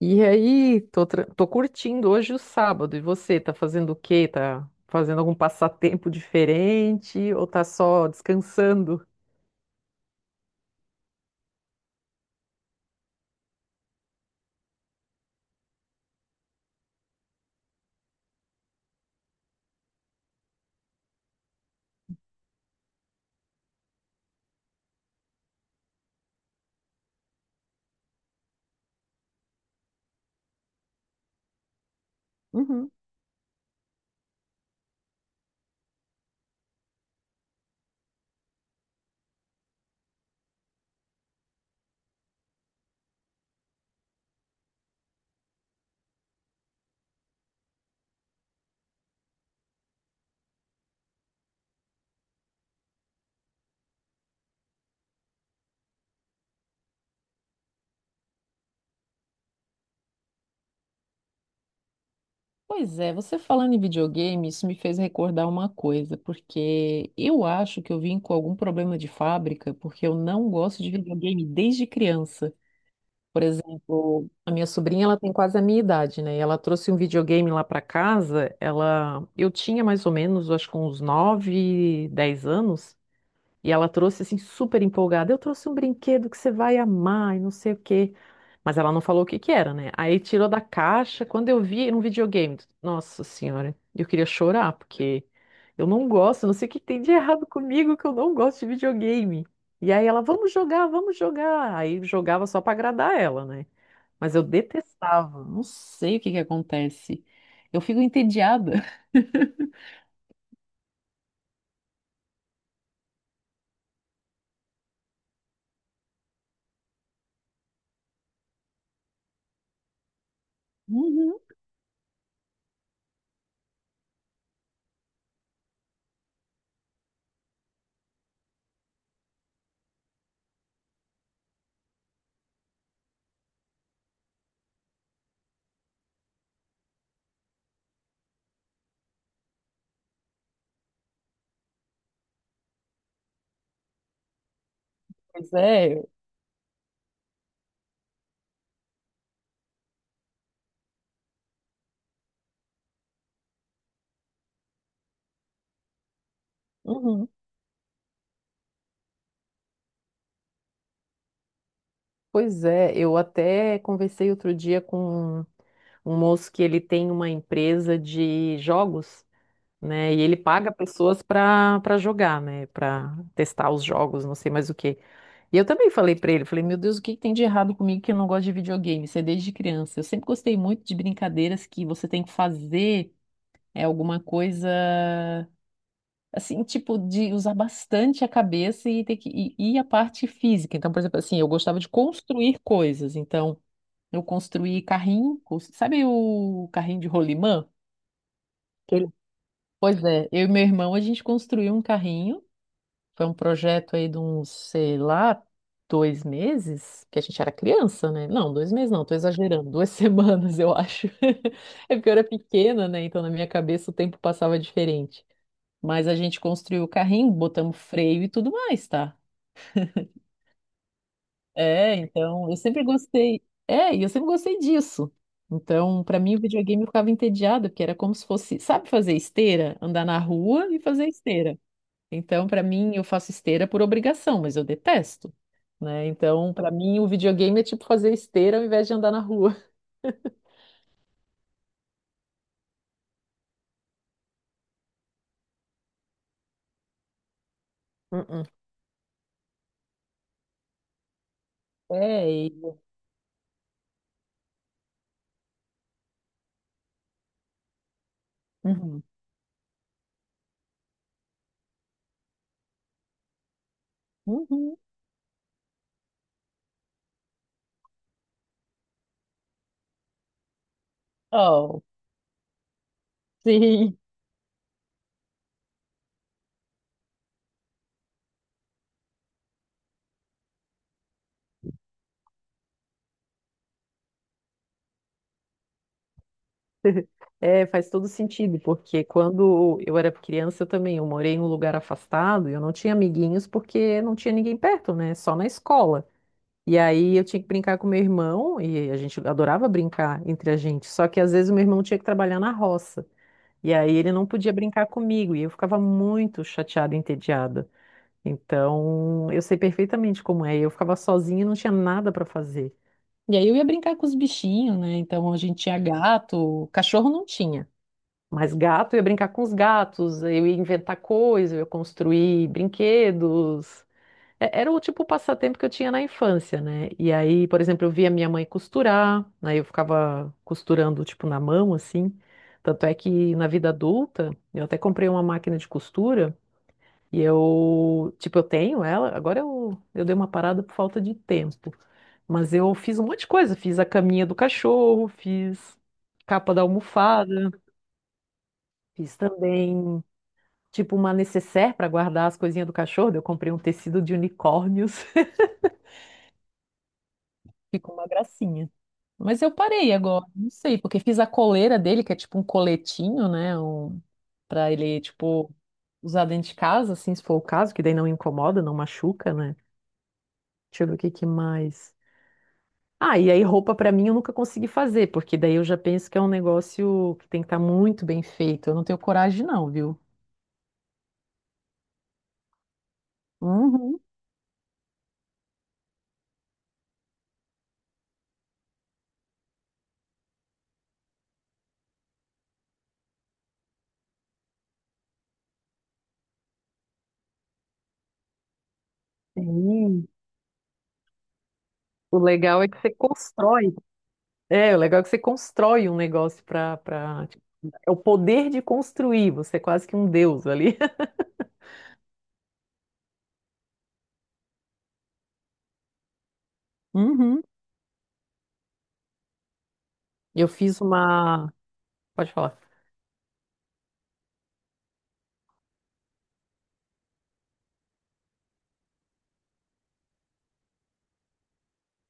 E aí, tô, tô curtindo hoje o sábado. E você, tá fazendo o quê? Tá fazendo algum passatempo diferente ou tá só descansando? Uhum. Pois é, você falando em videogame, isso me fez recordar uma coisa, porque eu acho que eu vim com algum problema de fábrica, porque eu não gosto de videogame desde criança. Por exemplo, a minha sobrinha, ela tem quase a minha idade, né? E ela trouxe um videogame lá pra casa, ela eu tinha mais ou menos, acho que uns 9, 10 anos. E ela trouxe assim super empolgada. Eu trouxe um brinquedo que você vai amar e não sei o quê. Mas ela não falou o que que era, né? Aí tirou da caixa. Quando eu vi, era um videogame. Nossa senhora, eu queria chorar porque eu não gosto, não sei o que tem de errado comigo que eu não gosto de videogame. E aí ela, vamos jogar, vamos jogar. Aí jogava só pra agradar ela, né? Mas eu detestava. Não sei o que que acontece. Eu fico entediada. Uhum. Pois é. Uhum. Pois é, eu até conversei outro dia com um moço que ele tem uma empresa de jogos, né? E ele paga pessoas para jogar, né? Para testar os jogos, não sei mais o quê. E eu também falei para ele, falei, meu Deus, o que que tem de errado comigo que eu não gosto de videogame? Isso é desde criança. Eu sempre gostei muito de brincadeiras que você tem que fazer é alguma coisa assim, tipo, de usar bastante a cabeça e ter que e a parte física. Então, por exemplo, assim, eu gostava de construir coisas. Então, eu construí carrinho, sabe o carrinho de rolimã? Aquele- Pois é, eu e meu irmão, a gente construiu um carrinho. Foi um projeto aí de uns, sei lá, dois meses, que a gente era criança, né? Não, dois meses não, tô exagerando, duas semanas, eu acho. É porque eu era pequena, né? Então na minha cabeça o tempo passava diferente. Mas a gente construiu o carrinho, botamos freio e tudo mais, tá? É, então eu sempre gostei. É, e eu sempre gostei disso. Então, pra mim, o videogame eu ficava entediada, porque era como se fosse, sabe fazer esteira? Andar na rua e fazer esteira. Então, pra mim, eu faço esteira por obrigação, mas eu detesto, né? Então, pra mim, o videogame é tipo fazer esteira ao invés de andar na rua. uh É, e... Uhum. Uhum. Oh, sim. É, faz todo sentido, porque quando eu era criança eu também, eu morei em um lugar afastado, e eu não tinha amiguinhos porque não tinha ninguém perto, né? Só na escola. E aí eu tinha que brincar com meu irmão, e a gente adorava brincar entre a gente, só que às vezes o meu irmão tinha que trabalhar na roça, e aí ele não podia brincar comigo, e eu ficava muito chateada e entediada. Então, eu sei perfeitamente como é, eu ficava sozinha e não tinha nada para fazer. E aí eu ia brincar com os bichinhos, né? Então a gente tinha gato, cachorro não tinha. Mas gato, eu ia brincar com os gatos, eu ia inventar coisas, eu ia construir brinquedos. Era o tipo de passatempo que eu tinha na infância, né? E aí, por exemplo, eu via minha mãe costurar, aí eu ficava costurando, tipo, na mão, assim. Tanto é que na vida adulta, eu até comprei uma máquina de costura e eu, tipo, eu tenho ela, agora eu dei uma parada por falta de tempo. Mas eu fiz um monte de coisa, fiz a caminha do cachorro, fiz capa da almofada, fiz também tipo uma necessaire para guardar as coisinhas do cachorro. Eu comprei um tecido de unicórnios. Ficou uma gracinha. Mas eu parei agora, não sei, porque fiz a coleira dele, que é tipo um coletinho, né? Um... Pra ele, tipo, usar dentro de casa, assim, se for o caso, que daí não incomoda, não machuca, né? Deixa eu ver o que que mais. Ah, e aí roupa pra mim eu nunca consegui fazer, porque daí eu já penso que é um negócio que tem que estar muito bem feito. Eu não tenho coragem, não, viu? Uhum. Sim. O legal é que você constrói. É, o legal é que você constrói um negócio para é o poder de construir, você é quase que um deus ali. Uhum. Eu fiz uma, pode falar.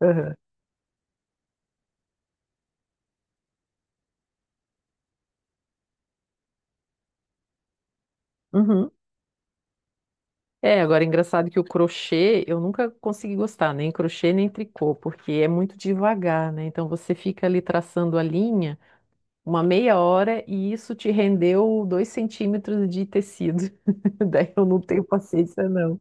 Aham. Uhum. É, agora é engraçado que o crochê eu nunca consegui gostar, nem crochê nem tricô, porque é muito devagar, né? Então você fica ali traçando a linha uma meia hora e isso te rendeu dois centímetros de tecido. Daí eu não tenho paciência, não.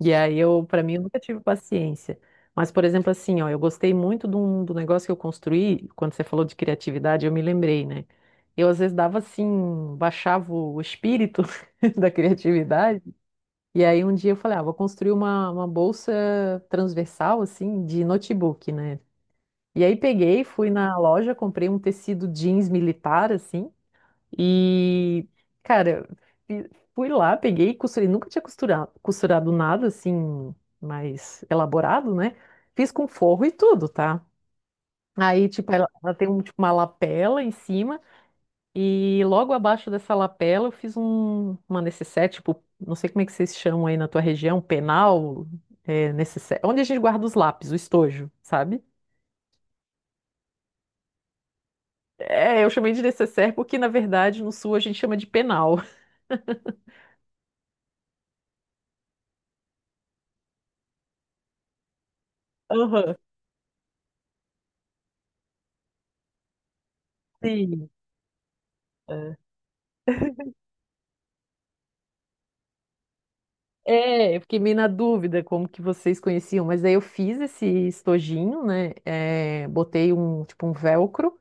E aí eu, para mim, eu nunca tive paciência. Mas, por exemplo, assim, ó, eu gostei muito de do negócio que eu construí, quando você falou de criatividade, eu me lembrei, né? Eu às vezes dava assim, baixava o espírito da criatividade. E aí um dia eu falei, ah, vou construir uma bolsa transversal, assim, de notebook, né? E aí peguei, fui na loja, comprei um tecido jeans militar, assim, e, cara, fi- fui lá, peguei, costurei. Nunca tinha costurado, costurado nada assim, mais elaborado, né? Fiz com forro e tudo, tá? Aí, tipo, ela tem um, tipo, uma lapela em cima, e logo abaixo dessa lapela eu fiz um, uma necessaire, tipo, não sei como é que vocês chamam aí na tua região, um penal, é, necessaire, onde a gente guarda os lápis, o estojo, sabe? É, eu chamei de necessaire porque, na verdade, no sul a gente chama de penal. Aham. Sim. É, eu fiquei meio na dúvida como que vocês conheciam, mas aí eu fiz esse estojinho, né? É, botei um tipo um velcro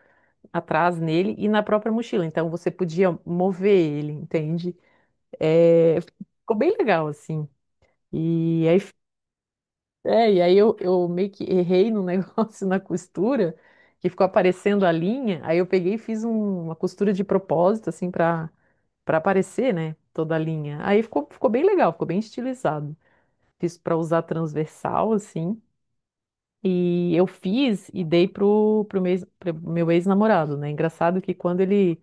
atrás nele e na própria mochila, então você podia mover ele, entende? É, ficou bem legal assim. E aí, é, e aí eu meio que errei no negócio na costura, que ficou aparecendo a linha. Aí eu peguei e fiz uma costura de propósito assim para aparecer, né? Toda a linha. Aí ficou bem legal, ficou bem estilizado fiz para usar transversal, assim. E eu fiz e dei pro, pro meu, ex- pro meu ex-namorado, né? Engraçado que quando ele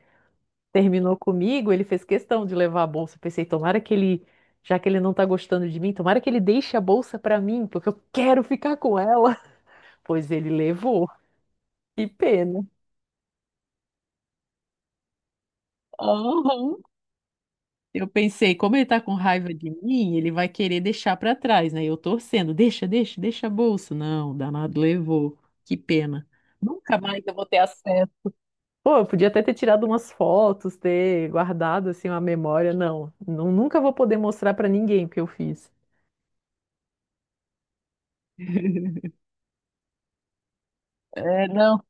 terminou comigo, ele fez questão de levar a bolsa. Eu pensei, tomara que ele, já que ele não tá gostando de mim, tomara que ele deixe a bolsa pra mim, porque eu quero ficar com ela. Pois ele levou. Que pena. Aham. Eu pensei, como ele tá com raiva de mim, ele vai querer deixar pra trás, né? Eu torcendo, deixa, deixa, deixa a bolsa. Não, danado levou. Que pena. Nunca mais eu vou ter acesso. Pô, eu podia até ter tirado umas fotos, ter guardado assim uma memória. Não, nunca vou poder mostrar pra ninguém o que eu fiz. É, não.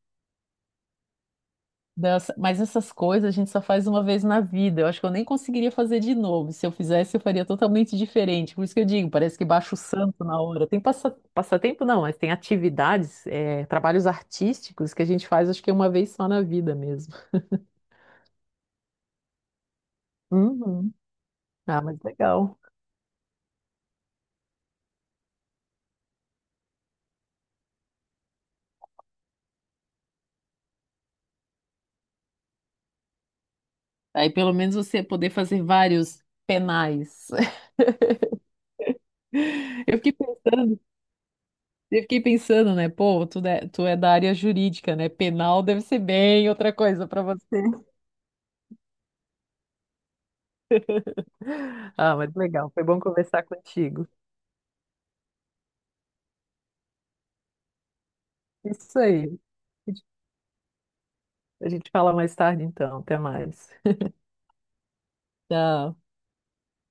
Nossa, mas essas coisas a gente só faz uma vez na vida. Eu acho que eu nem conseguiria fazer de novo. Se eu fizesse, eu faria totalmente diferente. Por isso que eu digo, parece que baixa o santo na hora. Tem passa, passatempo, não, mas tem atividades, é, trabalhos artísticos que a gente faz, acho que uma vez só na vida mesmo. Uhum. Ah, mas legal. Aí pelo menos você poder fazer vários penais. Eu fiquei pensando, eu fiquei pensando, né? Pô, tu, tu é da área jurídica, né? Penal deve ser bem outra coisa para você. Ah, mas legal. Foi bom conversar contigo. Isso aí. A gente fala mais tarde, então. Até mais. Tchau.